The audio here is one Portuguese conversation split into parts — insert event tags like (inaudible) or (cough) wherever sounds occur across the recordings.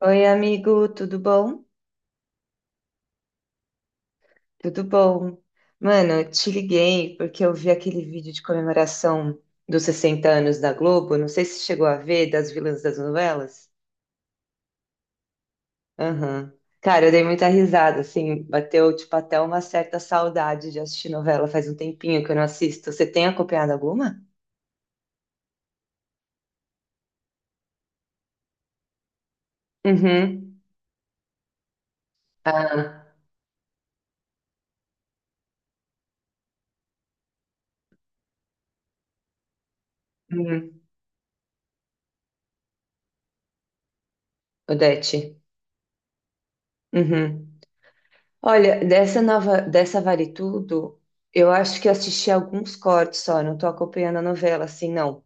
Oi, amigo, tudo bom? Tudo bom. Mano, eu te liguei porque eu vi aquele vídeo de comemoração dos 60 anos da Globo. Não sei se chegou a ver, das vilãs das novelas. Aham. Cara, eu dei muita risada, assim, bateu, tipo, até uma certa saudade de assistir novela. Faz um tempinho que eu não assisto. Você tem acompanhado alguma? Uhum. Ah, uhum. Odete. Uhum. Olha, dessa nova, dessa Vale Tudo, eu acho que assisti alguns cortes só, não tô acompanhando a novela assim, não.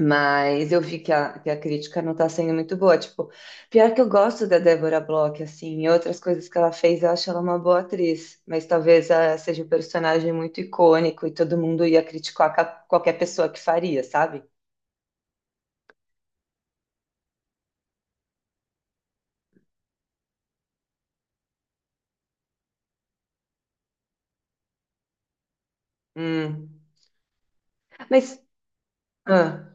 Mas eu vi que a crítica não tá sendo muito boa. Tipo, pior que eu gosto da Débora Bloch, assim, e outras coisas que ela fez, eu acho ela uma boa atriz. Mas talvez ela seja um personagem muito icônico e todo mundo ia criticar qualquer pessoa que faria, sabe? Hum. Mas, ah,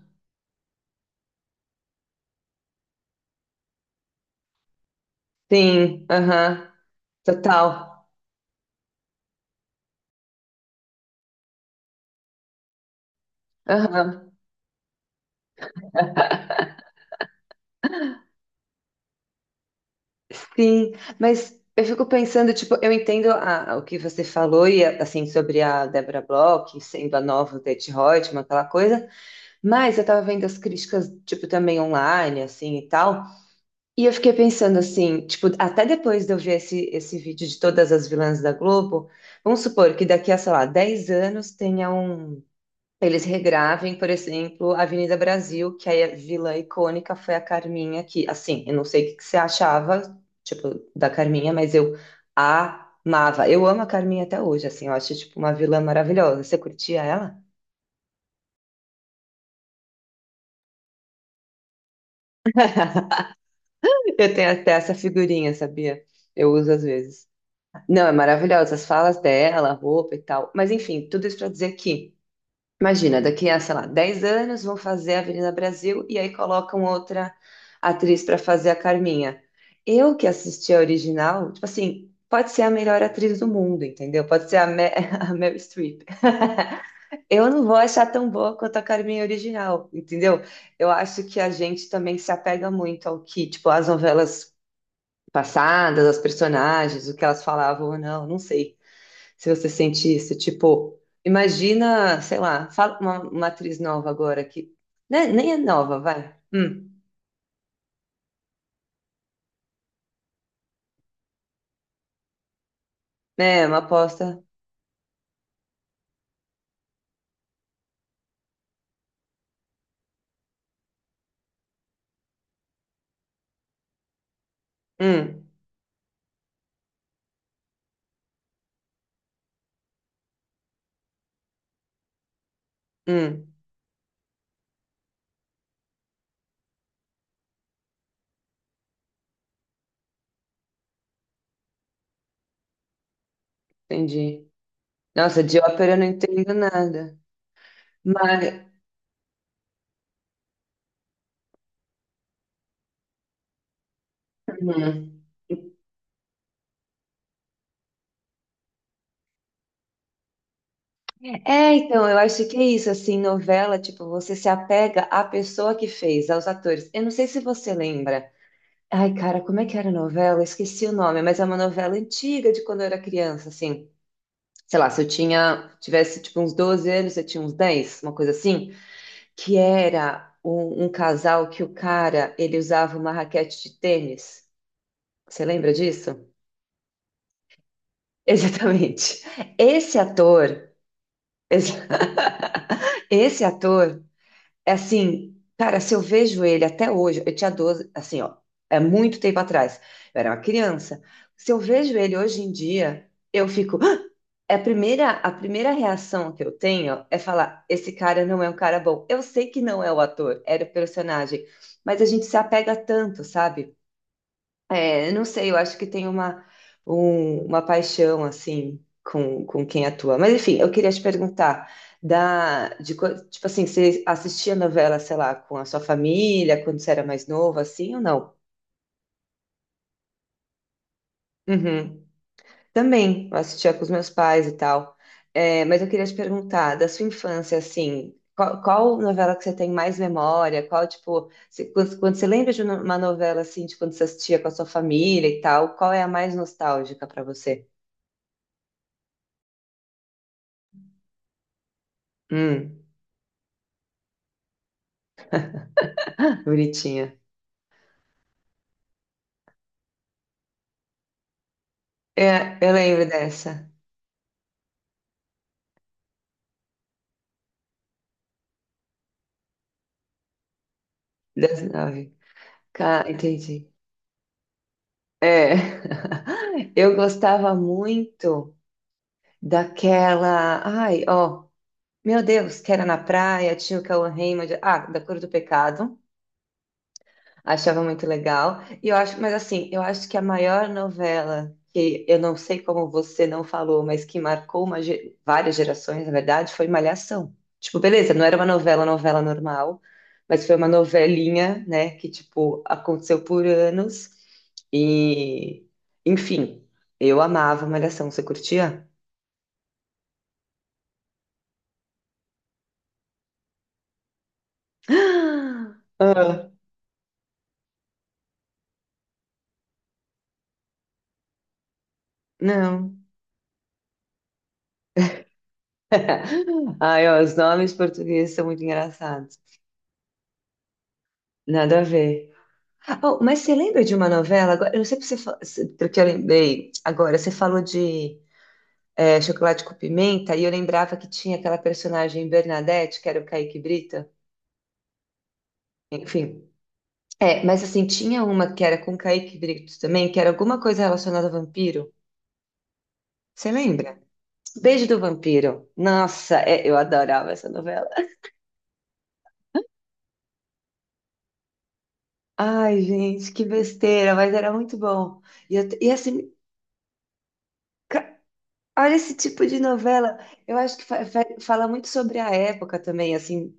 sim, aham, total. Aham. Sim, mas eu fico pensando, tipo, eu entendo o que você falou e assim sobre a Deborah Bloch sendo a nova Detti Reutemann, aquela coisa, mas eu tava vendo as críticas, tipo, também online, assim e tal, e eu fiquei pensando assim, tipo, até depois de eu ver esse vídeo de todas as vilãs da Globo, vamos supor que daqui a, sei lá, 10 anos tenha um, eles regravem, por exemplo, a Avenida Brasil, que aí a vilã icônica foi a Carminha, que, assim, eu não sei o que que você achava, tipo, da Carminha, mas eu amava. Eu amo a Carminha até hoje, assim, eu acho, tipo, uma vilã maravilhosa. Você curtia ela? Eu tenho até essa figurinha, sabia? Eu uso às vezes. Não, é maravilhosa, as falas dela, a roupa e tal. Mas, enfim, tudo isso pra dizer que. Imagina, daqui a, sei lá, 10 anos vão fazer a Avenida Brasil e aí colocam outra atriz para fazer a Carminha. Eu que assisti a original, tipo assim, pode ser a melhor atriz do mundo, entendeu? Pode ser a, Me (laughs) a Meryl Streep. Eu não vou achar tão boa quanto a Carminha original, entendeu? Eu acho que a gente também se apega muito ao que, tipo, as novelas passadas, as personagens, o que elas falavam ou não, não sei se você sentisse, tipo, imagina, sei lá, fala uma atriz nova agora que, né, nem é nova, vai. Né, é, uma aposta. Hum, hum, entendi. Nossa, de ópera eu não entendo nada. Mas, hum. É, então, eu acho que é isso, assim, novela, tipo, você se apega à pessoa que fez, aos atores. Eu não sei se você lembra. Ai, cara, como é que era a novela? Eu esqueci o nome, mas é uma novela antiga de quando eu era criança, assim. Sei lá, se eu tinha, tivesse tipo uns 12 anos, eu tinha uns 10, uma coisa assim, que era um casal que o cara, ele usava uma raquete de tênis. Você lembra disso? (laughs) Exatamente. Esse ator, esse, (laughs) Esse ator é assim, cara, se eu vejo ele até hoje, eu tinha 12, assim, ó, é muito tempo atrás, eu era uma criança. Se eu vejo ele hoje em dia, eu fico. "Ah!" É a primeira reação que eu tenho é falar: esse cara não é um cara bom. Eu sei que não é o ator, era o personagem, mas a gente se apega tanto, sabe? É, eu não sei, eu acho que tem uma paixão assim com, quem atua. Mas enfim, eu queria te perguntar tipo assim, você assistia novela, sei lá, com a sua família quando você era mais novo, assim ou não? Uhum. Também, eu assistia com os meus pais e tal. É, mas eu queria te perguntar da sua infância, assim, qual novela que você tem mais memória? Qual tipo, quando você lembra de uma novela assim, de quando você assistia com a sua família e tal, qual é a mais nostálgica para você? Hum, bonitinha. É, eu lembro dessa, das nove. Entendi. É, eu gostava muito daquela. Ai, ó, meu Deus, que era na praia, tinha o Cauã Raymond. Ah, da Cor do Pecado. Achava muito legal. E eu acho, mas assim, eu acho que a maior novela que eu não sei como você não falou, mas que marcou uma várias gerações, na verdade, foi Malhação. Tipo, beleza, não era uma novela, novela normal, mas foi uma novelinha, né, que tipo aconteceu por anos e, enfim, eu amava Malhação. Você curtia? (gasps) Ah, não. Ai, ó, os nomes portugueses são muito engraçados. Nada a ver. Oh, mas você lembra de uma novela? Agora, eu não sei porque você, porque eu lembrei agora. Você falou de chocolate com pimenta e eu lembrava que tinha aquela personagem Bernadette, que era o Kaique Brito. Enfim, é, mas assim, tinha uma que era com o Kaique Brito também, que era alguma coisa relacionada a vampiro. Você lembra? Beijo do Vampiro. Nossa, é, eu adorava essa novela. Ai, gente, que besteira, mas era muito bom. E, e assim. Olha esse tipo de novela. Eu acho que fala muito sobre a época também, assim,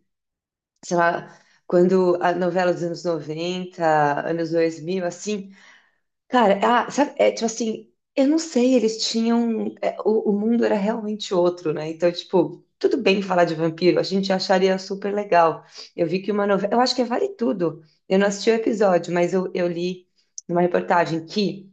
sei lá, quando a novela dos anos 90, anos 2000, assim. Cara, ah, sabe, é tipo assim, eu não sei, eles tinham. O mundo era realmente outro, né? Então, tipo, tudo bem falar de vampiro, a gente acharia super legal. Eu vi que uma novela. Eu acho que é Vale Tudo. Eu não assisti o episódio, mas eu li numa reportagem que.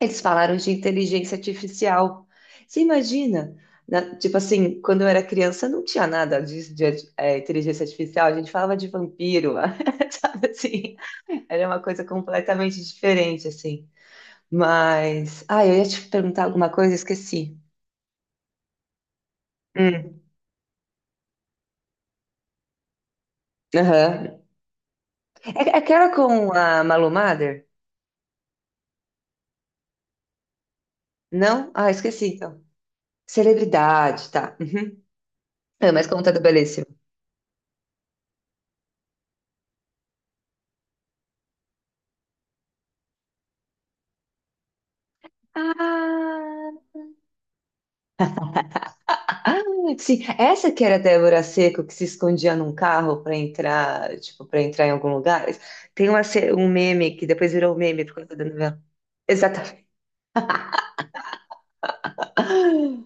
Eles falaram de inteligência artificial. Você imagina, tipo assim, quando eu era criança não tinha nada disso de, inteligência artificial, a gente falava de vampiro, (laughs) sabe assim? Era uma coisa completamente diferente, assim. Mas, ah, eu ia te perguntar alguma coisa, esqueci. Hum, aham. É, é aquela com a Malu Mader? Não? Ah, esqueci então. Celebridade, tá. Uhum. É, mas conta do Belíssimo. Ah! Ah, sim. Essa que era a Débora Seco que se escondia num carro para entrar, tipo, para entrar em algum lugar. Tem uma, um meme que depois virou um meme por causa da novela. Exatamente. Ah,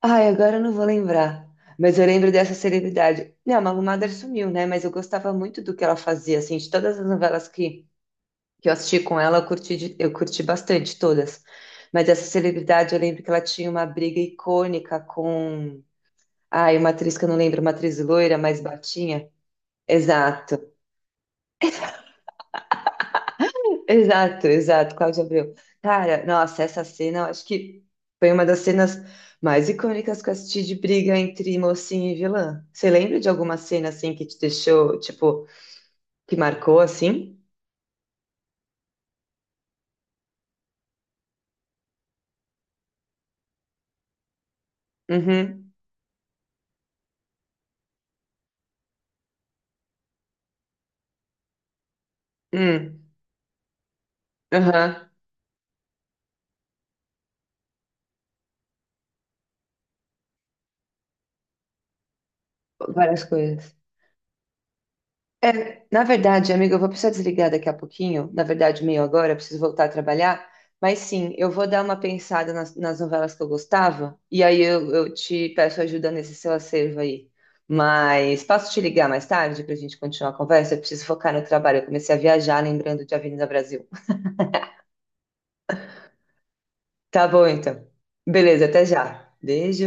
ai, agora eu não vou lembrar. Mas eu lembro dessa celebridade. Não, a Malu Mader sumiu, né? Mas eu gostava muito do que ela fazia, assim, de todas as novelas que eu assisti com ela, eu curti, eu curti bastante todas. Mas essa celebridade, eu lembro que ela tinha uma briga icônica com. Ai, uma atriz que eu não lembro, uma atriz loira, mais batinha. Exato, exato, exato, Cláudio Abreu. Cara, nossa, essa cena, eu acho que foi uma das cenas mais icônicas que eu assisti de briga entre mocinho e vilã. Você lembra de alguma cena assim que te deixou, tipo, que marcou assim? Uhum, hum, aham, várias coisas. É, na verdade, amiga, eu vou precisar desligar daqui a pouquinho. Na verdade, meio agora, eu preciso voltar a trabalhar. Mas sim, eu vou dar uma pensada nas novelas que eu gostava. E aí eu te peço ajuda nesse seu acervo aí. Mas posso te ligar mais tarde para a gente continuar a conversa? Eu preciso focar no trabalho. Eu comecei a viajar lembrando de Avenida Brasil. Tá bom, então. Beleza, até já. Beijo.